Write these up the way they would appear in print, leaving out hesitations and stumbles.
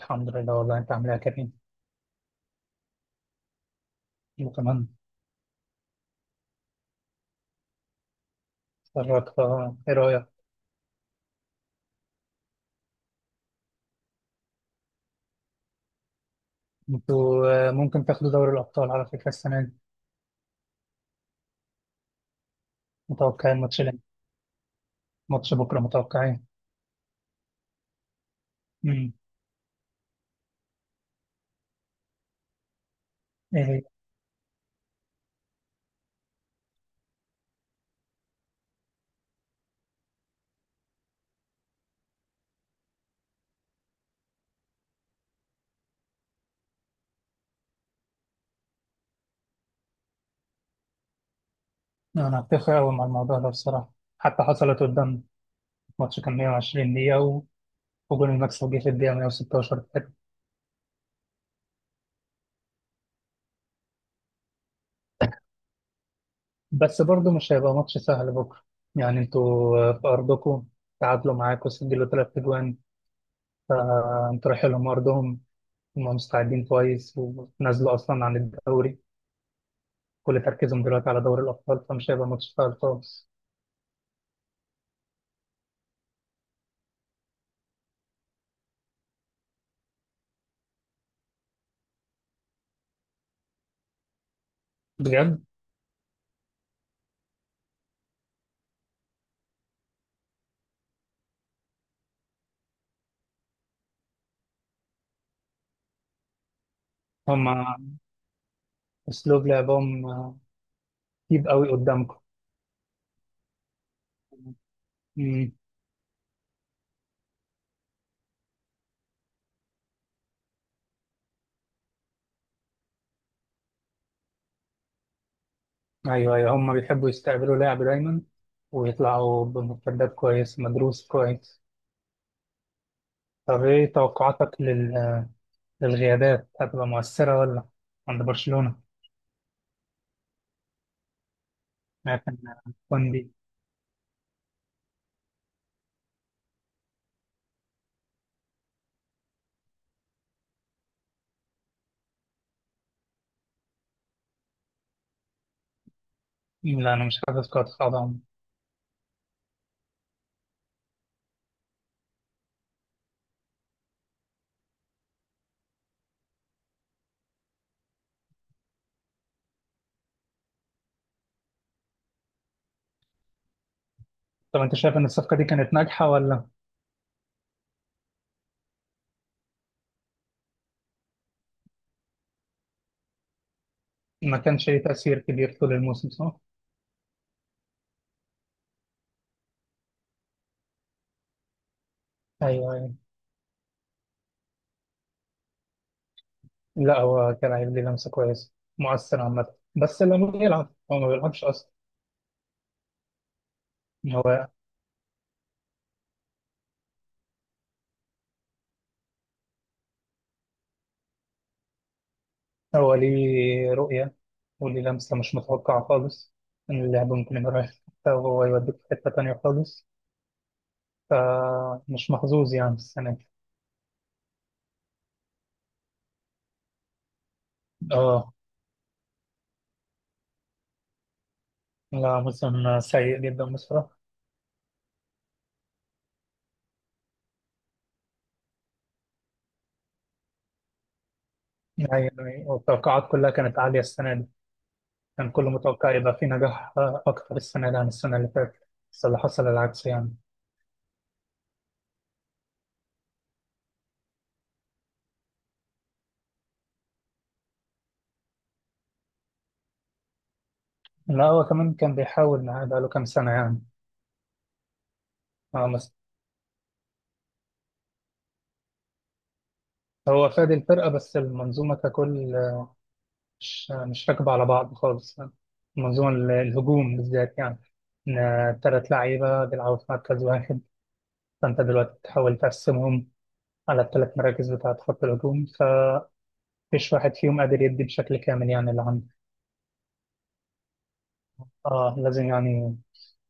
الحمد لله. والله انت عامل ايه يا كريم؟ وكمان. اتفرجت، اه، ايه رايك؟ انتوا ممكن تاخدوا دوري الابطال على فكره السنه دي. متوقعين ماتش بكره؟ متوقعين. امم ايه هي؟ انا هتفق قوي مع الموضوع ده بصراحه. حتى حصلت قدام ماتش كان 120 دقيقه وجون المكسب جه في الدقيقه 116. بس برضه مش هيبقى ماتش سهل بكره. يعني انتوا في ارضكم تعادلوا معاكم، سجلوا ثلاث اجوان. فانتوا رايحين لهم ارضهم، هم مستعدين كويس ونزلوا أصلا عن الدوري. كل تركيزهم دلوقتي على دوري الأبطال فمش هيبقى ماتش سهل خالص. بجد؟ هم أسلوب لعبهم تيب قوي قدامكم. مم. أيوه أيوه، هم بيحبوا يستقبلوا لاعب دايما ويطلعوا بمرتدات كويس مدروس كويس. طب إيه توقعاتك للغيابات؟ هتبقى مؤثرة ولا؟ عند برشلونة؟ شايف إن كوندي. لا أنا مش حاسس قاعد طبعا. طب أنت شايف إن الصفقة دي كانت ناجحة ولا؟ ما كانش ليه تأثير كبير طول الموسم، صح؟ ايوه ايوه. لا هو كان هيدي لمسه كويسه، مؤثر عامه، بس لما يلعب، هو ما بيلعبش اصلا. هو هو ليه رؤيه وليه لمسه مش متوقعه خالص، ان اللعب ممكن يبقى رايح في حتة وهو يوديك في حته تانيه خالص. فمش محظوظ يعني السنه دي. اه. لا موسم سيء جدا بصراحه. يعني والتوقعات كلها كانت عاليه السنه دي، كان كله متوقع يبقى في نجاح اكتر السنه دي عن السنه اللي فاتت، بس اللي حصل العكس يعني. لا هو كمان كان بيحاول معاه بقاله كام سنه يعني. اه بس. هو فاد الفرقة، بس المنظومة ككل مش راكبة على بعض خالص. المنظومة الهجوم بالذات، يعني إن تلات لعيبة بيلعبوا في مركز واحد، فأنت دلوقتي بتحاول تقسمهم على التلات مراكز بتاعة خط الهجوم، فمفيش واحد فيهم قادر يدي بشكل كامل يعني اللي عنده. اه لازم يعني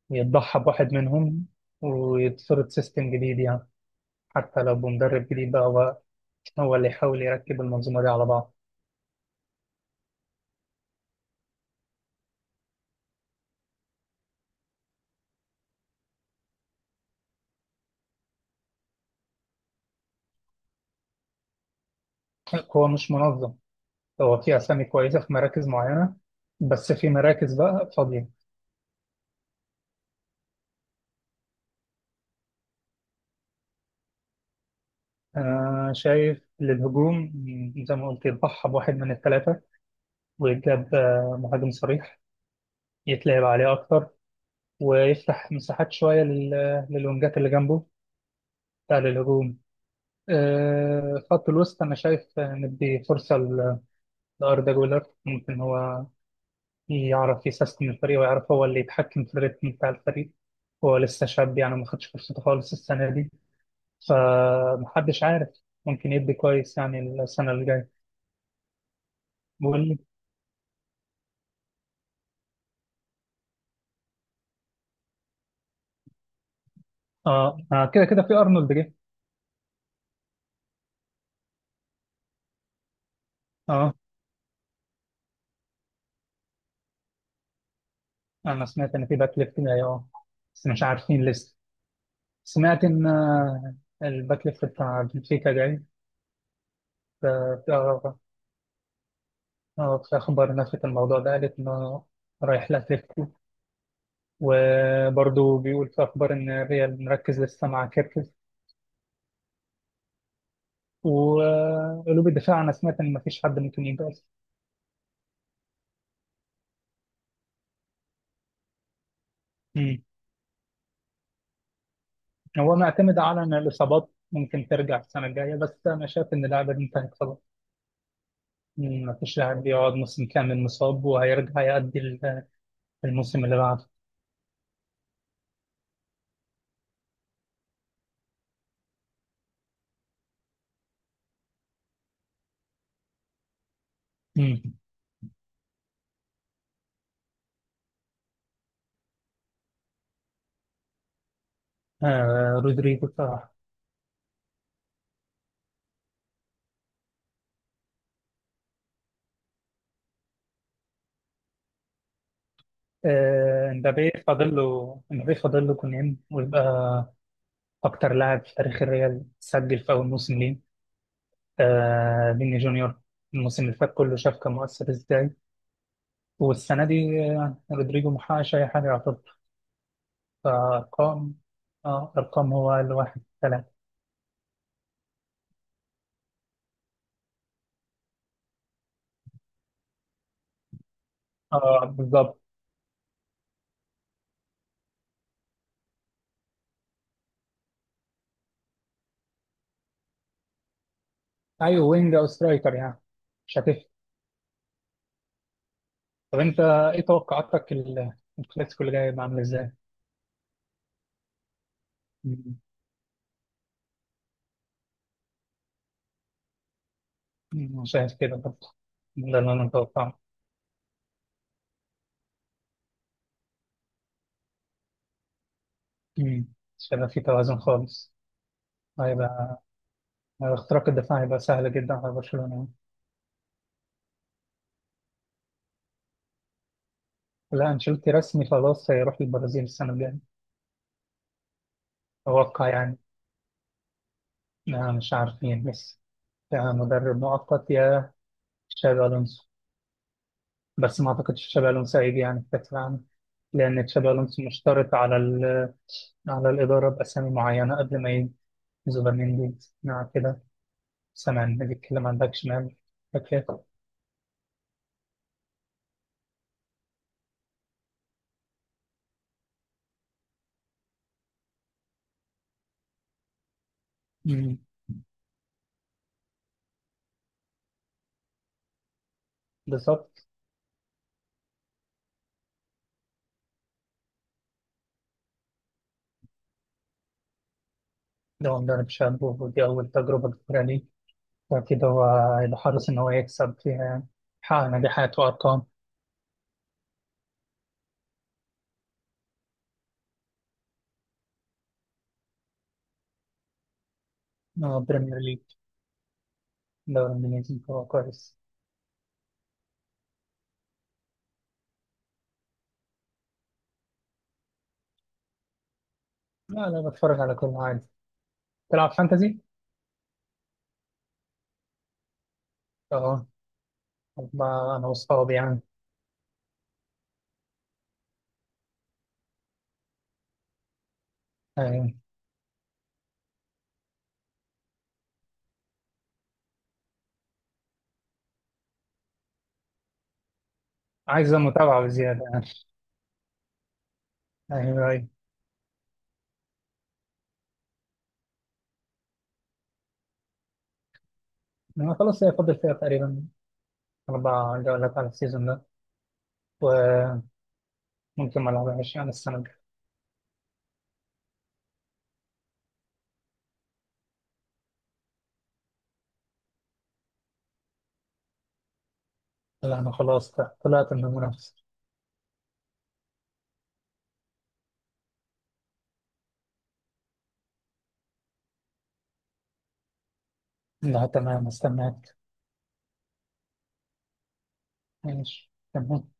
يتضحى بواحد منهم ويتفرض سيستم جديد يعني، حتى لو بمدرب جديد بقى هو اللي يحاول يركب المنظومة دي على بعض. هو مش منظم، هو في أسامي كويسة في مراكز معينة بس في مراكز بقى فاضية. أنا شايف للهجوم زي ما قلت يضحى بواحد من الثلاثة ويجاب مهاجم صريح يتلعب عليه أكتر ويفتح مساحات شوية للونجات اللي جنبه بتاع الهجوم. خط الوسط أنا شايف ندي فرصة لأردا جولر، ممكن هو يعرف يسيستم الفريق ويعرف هو اللي يتحكم في الريتم بتاع الفريق. هو لسه شاب يعني ما خدش فرصته خالص السنة دي فمحدش عارف ممكن يدي كويس يعني السنة اللي جاية. بقول لي. اه. كده كده في ارنولد جه. اه انا سمعت ان في باك ليفت جاي، اه بس مش عارفين لسه. سمعت ان الباك ليفت بتاع بنفيكا جاي. ف- في آه، آه، في اخبار نفت الموضوع ده، قالت انه رايح لاتليتيكو. وبرضه بيقول في اخبار ان الريال مركز لسه مع كيركز. وقلوب الدفاع انا سمعت ان مفيش حد ممكن يبقى. هو معتمد على ان الاصابات ممكن ترجع السنه الجايه، بس انا شايف ان اللاعب دي انتهت خلاص. مفيش لاعب بيقعد موسم كامل مصاب وهيرجع يأدي الموسم اللي بعده. مم. آه رودريجو بصراحه. آه، امبابي فاضل له امبابي فاضل له كونين ويبقى اكتر لاعب في تاريخ الريال سجل في اول موسم ليه. آه فيني جونيور الموسم اللي فات كله شاف كان مؤثر ازاي، والسنه دي رودريجو محققش اي حاجه يعتبر فارقام. اه ارقام هو الواحد. اه بالظبط. ايوه وينج او سترايكر يعني مش هتفرق. طب انت ايه توقعاتك الكلاسيكو اللي جاي هيبقى عامل ازاي؟ مم. مم. شايف كده برضه. ده اللي انا متوقعه. مم. شايف في توازن خالص. هيبقى هيبقى اختراق الدفاع هيبقى سهل جدا على برشلونة. لا انشيلوتي رسمي خلاص هيروح البرازيل السنة الجاية. اتوقع يعني. أنا مش عارفين، بس يا مدرب مؤقت يا تشابي الونسو. بس ما اعتقدش تشابي الونسو هيجي يعني في كأس العالم، لان تشابي الونسو مشترط على الإدارة بأسامي معينة قبل ما يجي، زوبر مندي. نعم كده. سامع إن بيتكلم عن باك شمال، باك ليفت. أمم، بالظبط. ده هو مدرب شاب ودي أول تجربة كبيرة ليه، فأكيد هو هيبقى حريص إن هو يكسب فيها، يعني حقق نجاحات وأرقام. بريمير ليج، الدوري الإنجليزي، هو كويس. لا لا، بتفرج على كل حاجة. تلعب فانتزي؟ أه. أنا وأصحابي يعني. أيوة. عايزة متابعة بزيادة يعني. أيوه أيوه. أنا خلاص هي فاضل فيها تقريبا أربع جولات على السيزون ده، وممكن ما العبهاش يعني السنة الجاية. لا أنا خلاص طلعت من المنافسة. لا تمام، استناك. ماشي تمام.